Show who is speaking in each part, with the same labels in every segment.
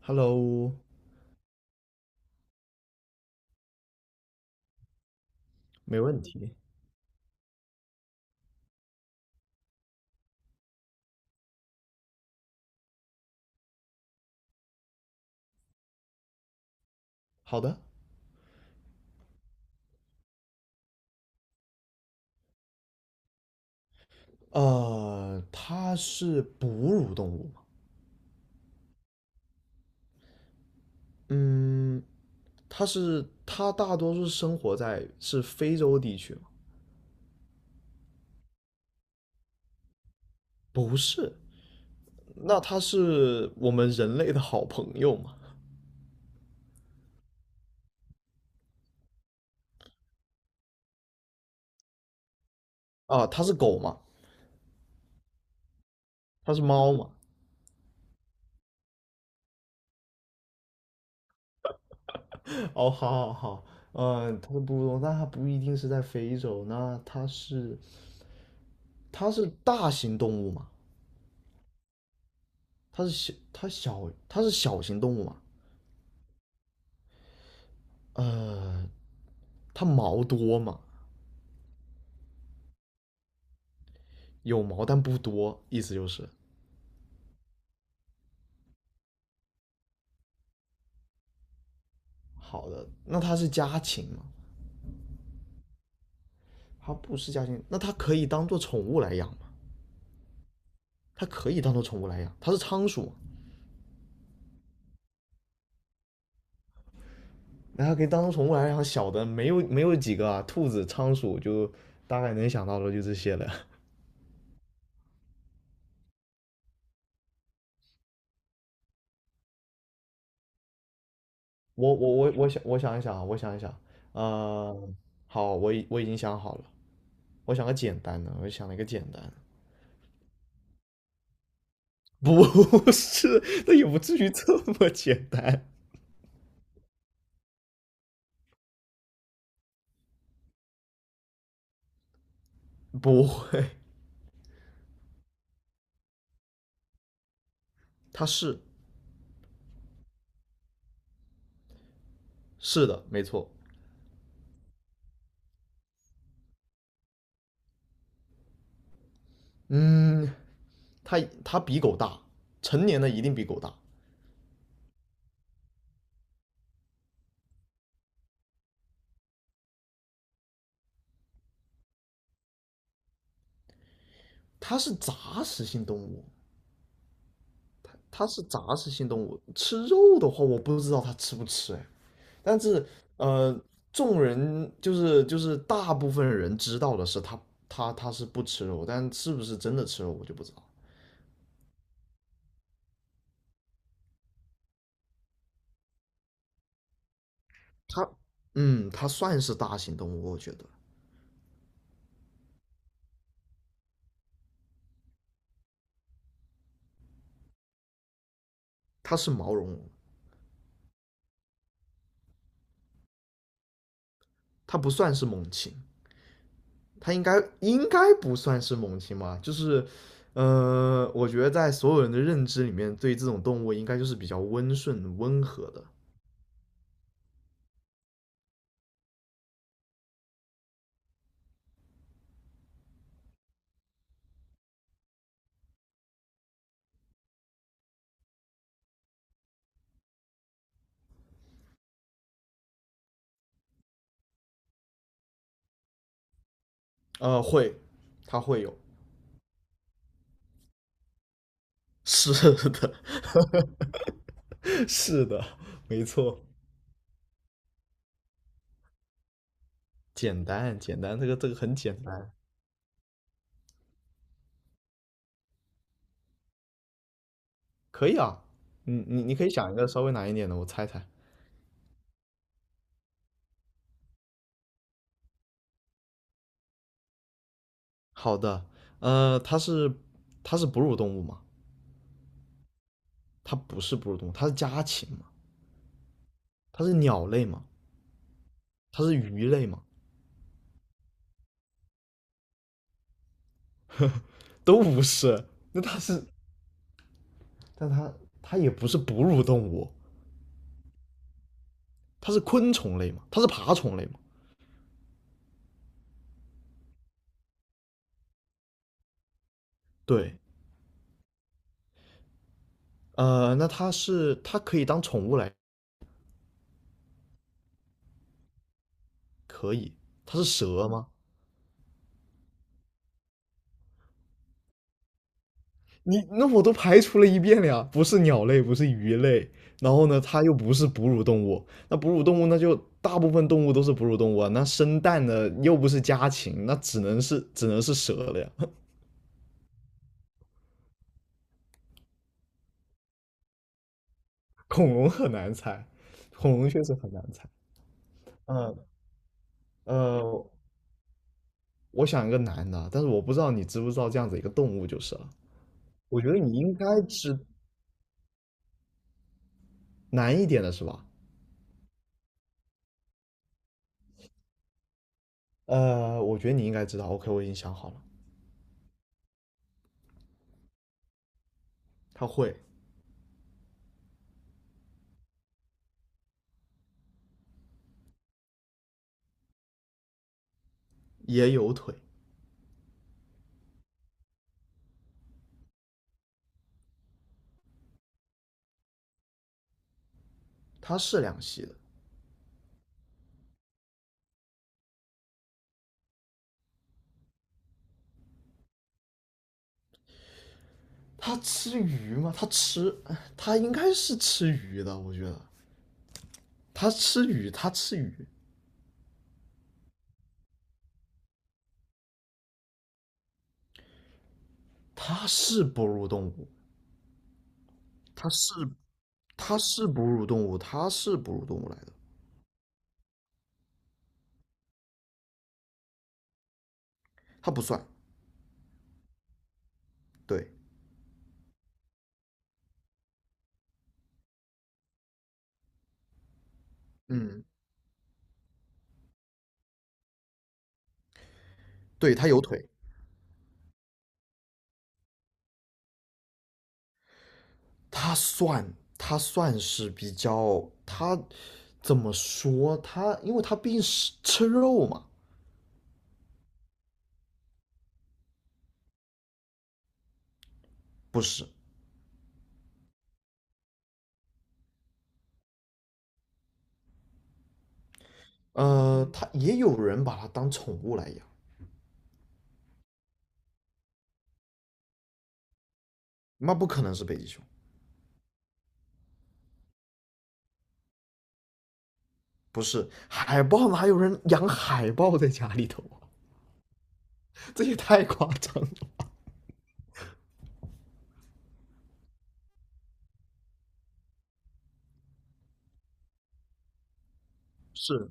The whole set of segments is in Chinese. Speaker 1: Hello，没问题。好的，它是哺乳动物吗？嗯，它大多数生活在是非洲地区吗？不是，那它是我们人类的好朋友吗？啊，它是狗吗？它是猫吗？哦，好好好，嗯，它是哺乳动物，但它不一定是在非洲。那它是它是大型动物吗？它是小型动物吗？呃，它毛多吗？有毛但不多，意思就是好的。那它是家禽吗？它不是家禽，那它可以当做宠物来养吗？它可以当做宠物来养，它是仓鼠，那它可以当做宠物来养。小的没有几个啊，兔子、仓鼠就大概能想到的就这些了。我想一想啊，我想一想，呃，好，我已经想好了，我想个简单的，我想了一个简单的不 是，那也不至于这么简单，不会，它是是的，没错，嗯，它比狗大，成年的一定比狗大。它是杂食性动物，它是杂食性动物。吃肉的话，我不知道它吃不吃哎。但是呃，众人就是大部分人知道的是它是不吃肉，但是不是真的吃肉我就不知道。它嗯，它算是大型动物，我觉得它是毛茸茸，它不算是猛禽。它应该应该不算是猛禽吧？就是，我觉得在所有人的认知里面，对这种动物应该就是比较温顺、温和的。呃，会，它会有，是的，是的，没错，简单，简单，这个这个很简单，可以啊。你可以想一个稍微难一点的，我猜猜。好的，它是它是哺乳动物吗？它不是哺乳动物，它是家禽吗？它是鸟类吗？它是鱼类吗？都不是。那它是，但它它也不是哺乳动物，它是昆虫类嘛，它是爬虫类嘛。对，那它是它可以当宠物来，可以。它是蛇吗？你那我都排除了一遍了呀，不是鸟类，不是鱼类，然后呢，它又不是哺乳动物，那哺乳动物那就大部分动物都是哺乳动物啊，那生蛋的又不是家禽，那只能是蛇了呀。恐龙很难猜，恐龙确实很难猜。嗯呃，我想一个难的，但是我不知道你知不知道这样子一个动物就是了。我觉得你应该知难一点的是吧？我觉得你应该知道。OK，我已经想好了，它会，也有腿，它是两栖的。它吃鱼吗？它吃，它应该是吃鱼的。我觉得它吃鱼，它吃鱼，它是哺乳动物，它是它是哺乳动物，它是哺乳动物来的，它不算。对，嗯，对，它有腿，他算是比较他怎么说他，因为他毕竟是吃肉嘛，不是？他也有人把它当宠物来养，那不可能是北极熊，不是海豹哪有人养海豹在家里头啊？这也太夸张了。是，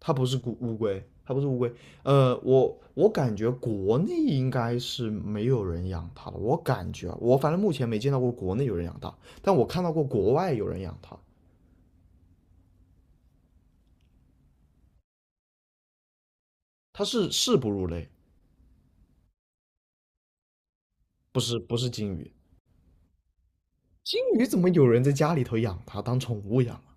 Speaker 1: 它不是乌龟，它不是乌龟。我感觉国内应该是没有人养它了，我感觉啊我反正目前没见到过国内有人养它，但我看到过国外有人养它，它是哺乳类，不是鲸鱼。鲸鱼怎么有人在家里头养它当宠物养啊？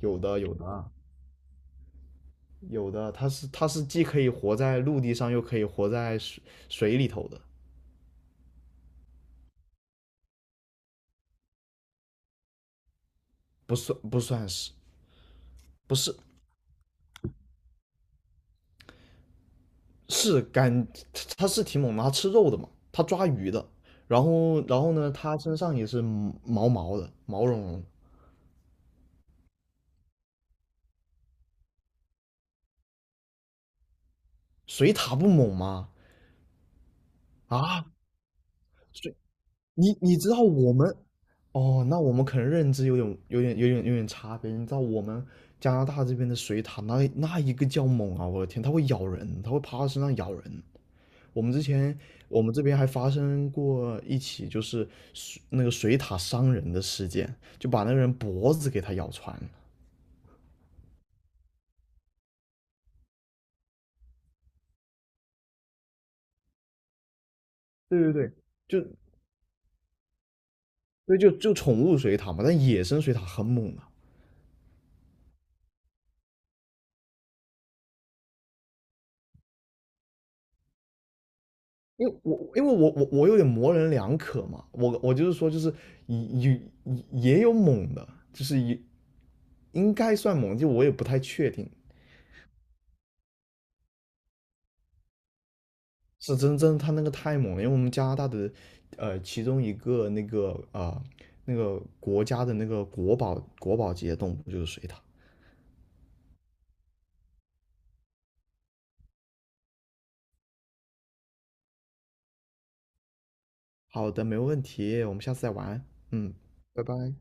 Speaker 1: 有的有的啊有的，它是它是既可以活在陆地上，又可以活在水里头的，不算不算是不是是干，它是挺猛的，它吃肉的嘛，它抓鱼的，然后呢，它身上也是毛毛的，毛茸茸的。水獭不猛吗？啊，水你你知道我们哦，那我们可能认知有点、有点、有点、有点差别。你知道我们加拿大这边的水獭，那那一个叫猛啊！我的天，它会咬人，它会趴到身上咬人。我们之前我们这边还发生过一起，就是水那个水獭伤人的事件，就把那个人脖子给它咬穿了。对对对，就对就就宠物水獭嘛，但野生水獭很猛啊。因为我有点模棱两可嘛，我就是说就是也也也有猛的，就是也应该算猛，就我也不太确定，是真他那个太猛了，因为我们加拿大的其中一个那个啊、那个国家的那个国宝级的动物就是水獭。好的，没问题，我们下次再玩，嗯，拜拜。